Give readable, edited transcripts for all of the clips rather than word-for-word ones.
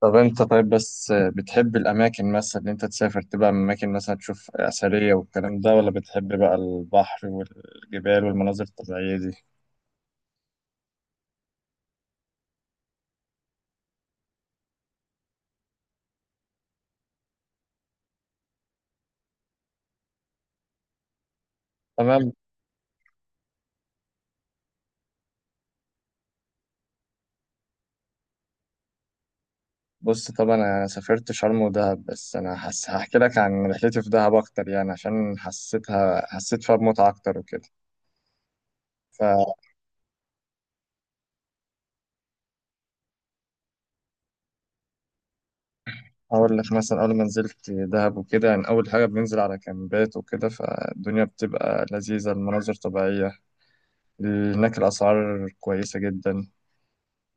طب انت طيب بس بتحب الاماكن مثلا اللي انت تسافر تبقى اماكن، مثلا تشوف اثريه والكلام ده، ولا بتحب بقى البحر والجبال والمناظر الطبيعيه دي؟ تمام. بص، طب انا سافرت شرم ودهب بس هحكي لك عن رحلتي في دهب اكتر يعني، عشان حسيت فيها بمتعه اكتر وكده. فاقول لك، مثلا اول ما نزلت دهب وكده، يعني اول حاجه بننزل على كامبات وكده، فالدنيا بتبقى لذيذه، المناظر طبيعيه. هناك الاسعار كويسه جدا.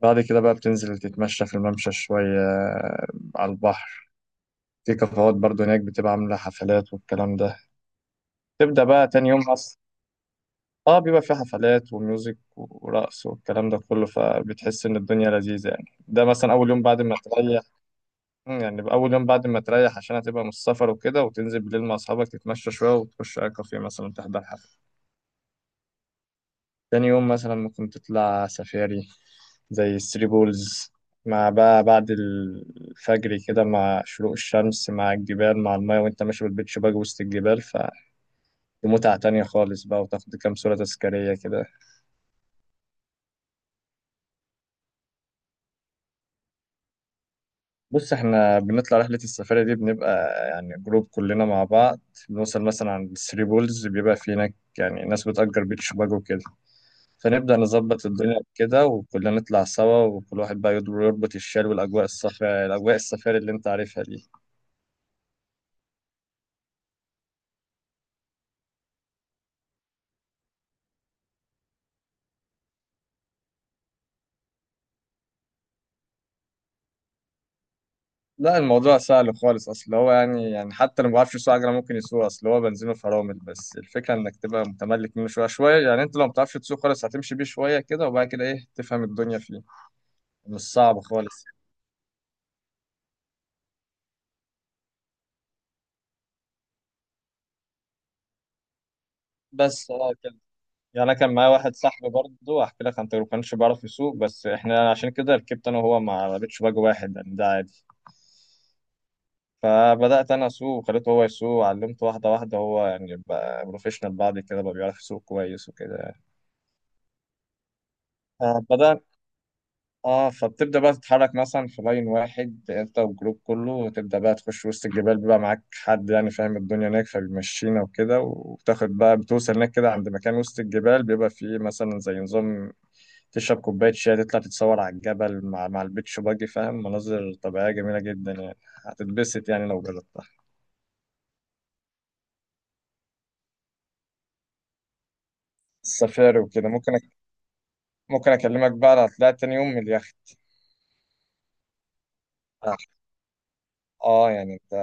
بعد كده بقى بتنزل تتمشى في الممشى شوية، على البحر. في كافيهات برضو هناك، بتبقى عاملة حفلات والكلام ده. تبدأ بقى تاني يوم أصلا. اه، بيبقى في حفلات وميوزك ورقص والكلام ده كله، فبتحس إن الدنيا لذيذة يعني. ده مثلا أول يوم بعد ما تريح. يعني أول يوم بعد ما تريح، عشان هتبقى من السفر وكده، وتنزل بالليل مع أصحابك تتمشى شوية وتخش على كافيه مثلا تحضر حفلة. تاني يوم مثلا ممكن تطلع سفاري زي الثري بولز، مع بقى بعد الفجر كده، مع شروق الشمس مع الجبال مع المايه، وانت ماشي بالبيتش باج وسط الجبال. فمتعة تانية خالص بقى، وتاخد كام صورة تذكارية كده. بص، احنا بنطلع رحلة السفاري دي بنبقى يعني جروب كلنا مع بعض. بنوصل مثلا عند الثري بولز، بيبقى في هناك يعني ناس بتأجر بيتش باج وكده. فنبدأ نظبط الدنيا كده، وكلنا نطلع سوا، وكل واحد بقى يربط الشال، والأجواء الصفراء، الأجواء السفاري اللي انت عارفها دي. لا، الموضوع سهل خالص، اصل هو يعني حتى لو ما بعرفش يسوق عجله ممكن يسوق، اصل هو بنزينه فرامل بس، الفكره انك تبقى متملك منه شويه شويه. يعني انت لو ما بتعرفش تسوق خالص، هتمشي بيه شويه كده، وبعد كده ايه تفهم الدنيا فيه. مش صعب خالص. بس اه كده. يعني انا كان معايا واحد صاحبي برضه، احكي لك عن تجربته، ما كانش بيعرف يسوق، بس احنا عشان كده ركبت انا وهو مع بيتش باج واحد، يعني ده عادي. فبدات انا اسوق وخليته هو يسوق، علمته واحده واحده، هو يعني بقى بروفيشنال بعد كده، بقى بيعرف يسوق كويس وكده يعني. بدأنا. اه، فبتبدأ بقى تتحرك مثلا في لاين واحد انت والجروب كله، وتبدأ بقى تخش وسط الجبال، بيبقى معاك حد يعني فاهم الدنيا هناك، فبيمشينا وكده. وبتاخد بقى بتوصل هناك كده عند مكان وسط الجبال، بيبقى فيه مثلا زي نظام تشرب كوباية شاي، تطلع تتصور على الجبل مع البيتش باجي، فاهم، مناظر طبيعية جميلة جدا يعني. هتتبسط يعني لو جربتها. السفاري وكده. ممكن أكلمك بقى على طلعت تاني يوم من اليخت. اه يعني انت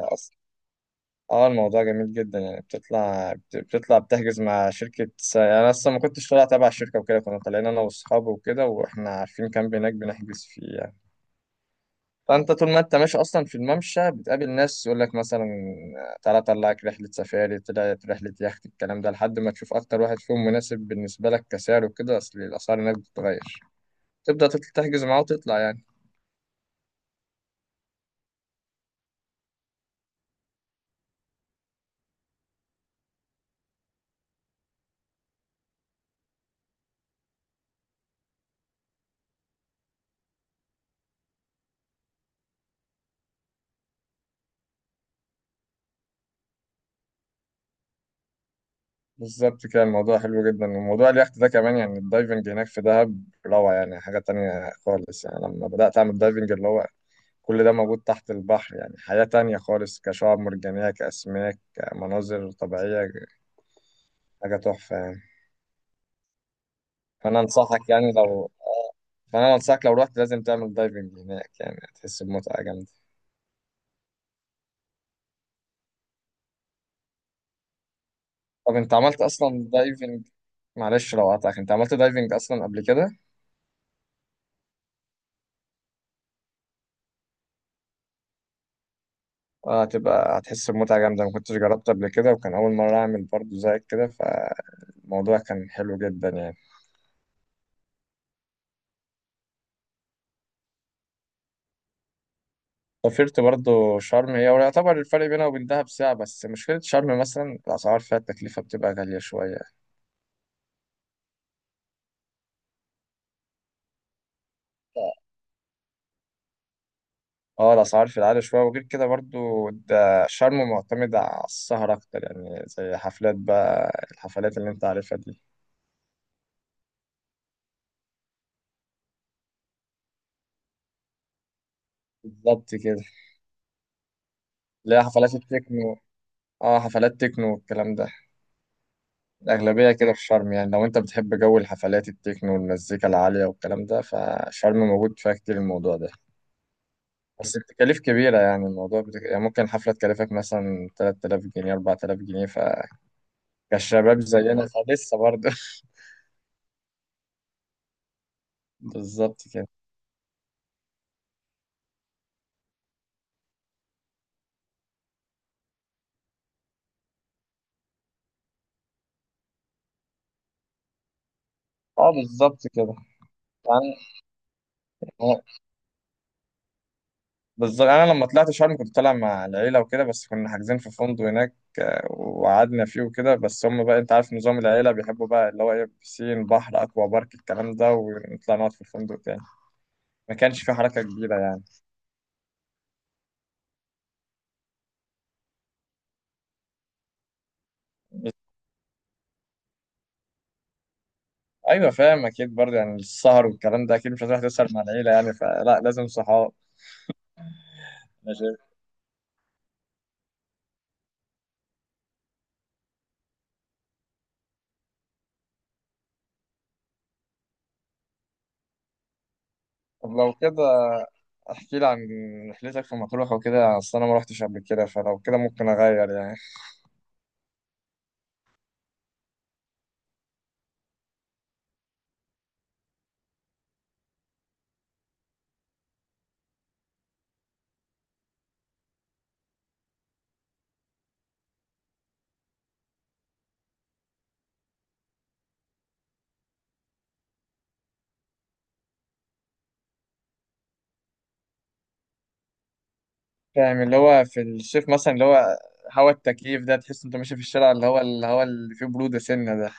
اه الموضوع جميل جدا يعني. بتطلع بتحجز مع يعني أنا أصلا ما كنتش طالع تبع الشركة وكده، كنا طالعين أنا وأصحابي وكده، وإحنا عارفين كامب هناك بنحجز فيه يعني. فأنت طول ما أنت ماشي أصلا في الممشى، بتقابل ناس يقول لك مثلا، تعالى أطلعك رحلة سفاري، طلعت رحلة يخت، الكلام ده، لحد ما تشوف أكتر واحد فيهم مناسب بالنسبة لك كسعر وكده، أصل الأسعار هناك بتتغير. تبدأ تحجز معاه وتطلع يعني. بالظبط كده، الموضوع حلو جدا. وموضوع اليخت ده كمان، يعني الدايفنج هناك في دهب روعة، يعني حاجة تانية خالص. يعني لما بدأت أعمل دايفنج، اللي هو كل ده موجود تحت البحر، يعني حياة تانية خالص، كشعاب مرجانية، كأسماك، كمناظر طبيعية. حاجة تحفة يعني. فأنا أنصحك يعني لو آه، فأنا أنصحك لو رحت لازم تعمل دايفنج هناك، يعني هتحس بمتعة جامدة. طب أنت عملت أصلا دايفنج؟ معلش لو قطعك، أنت عملت دايفنج أصلا قبل كده؟ اه، هتحس بمتعة جامدة. ما كنتش جربت قبل كده، وكان أول مرة أعمل برضو زيك كده، فالموضوع كان حلو جدا يعني. سافرت برضو شرم هي، ويعتبر الفرق بينها وبين دهب ساعة بس، مشكلة شرم مثلا الأسعار فيها، التكلفة بتبقى غالية شوية. اه، الأسعار في العالي شوية، وغير كده برضو، ده شرم معتمد على السهر أكتر يعني، زي حفلات، بقى الحفلات اللي أنت عارفها دي. بالظبط كده. اللي هي حفلات التكنو. اه، حفلات تكنو والكلام ده. الأغلبية كده في شرم، يعني لو أنت بتحب جو الحفلات التكنو والمزيكا العالية والكلام ده، فشرم موجود فيها كتير الموضوع ده. بس التكاليف كبيرة، يعني الموضوع يعني ممكن حفلة تكلفك مثلا 3000 جنيه، 4000 جنيه، فكشباب زينا فلسه برضه. بالظبط كده. اه بالظبط كده يعني. بالظبط انا لما طلعت شرم كنت طالع مع العيله وكده، بس كنا حاجزين في فندق هناك، وقعدنا فيه وكده. بس هم بقى، انت عارف نظام العيله، بيحبوا بقى اللي هو ايه، بسين، بحر، اكوا بارك، الكلام ده، ونطلع نقعد في الفندق تاني. ما كانش في حركه كبيره يعني. ايوه، فاهم، اكيد برضه يعني السهر والكلام ده اكيد مش هتروح تسهر مع العيله يعني، فلا لازم صحاب. أنا شايف. طب لو كده، احكي لي عن رحلتك في مطروح وكده، اصل انا ما رحتش قبل كده، فلو كده ممكن اغير يعني. فاهم، اللي هو في الصيف مثلا، اللي هو هوا التكييف ده، تحس انت ماشي في الشارع اللي فيه بروده سنه ده.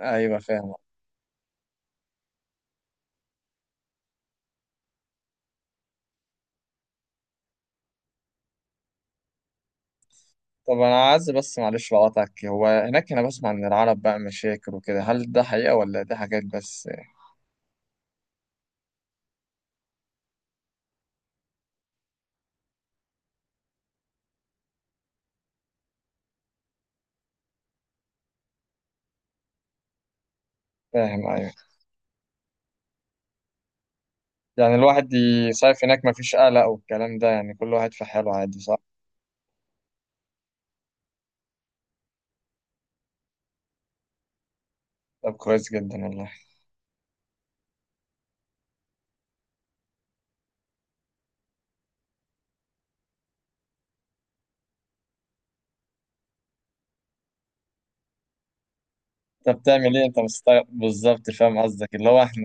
ايوه فاهم. طب انا عايز بس، معلش لو قطعك، هو هناك انا بسمع ان العرب بقى مشاكل وكده، هل ده حقيقه ولا دي حاجات بس؟ فاهم. ايوه. يعني الواحد يصيف هناك مفيش قلق والكلام ده، يعني كل واحد في حاله عادي، صح؟ طب كويس جدا والله. انت بتعمل ايه، انت مستمتع، بالظبط فاهم قصدك اللي هو احنا،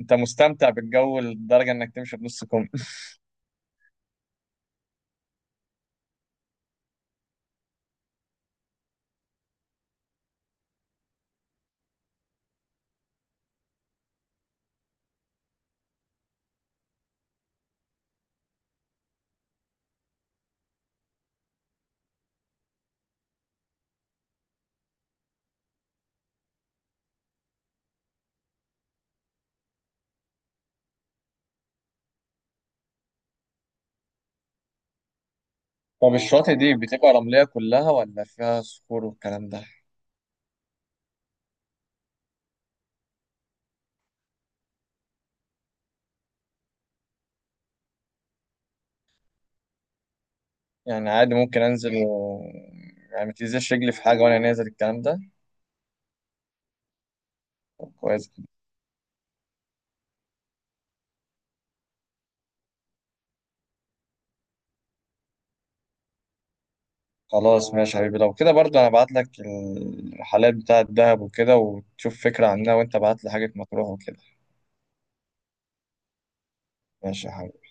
انت مستمتع بالجو لدرجة انك تمشي بنص كم. طب الشواطئ دي بتبقى رملية كلها ولا فيها صخور والكلام ده؟ يعني عادي ممكن انزل يعني ما تنزلش رجلي في حاجة وانا نازل الكلام ده. طب كويس جدا. خلاص ماشي يا حبيبي، لو كده برضه انا ابعت لك الرحلات بتاعة دهب وكده وتشوف فكرة عنها، وانت ابعت لي حاجة مطروح وكده. ماشي يا حبيبي.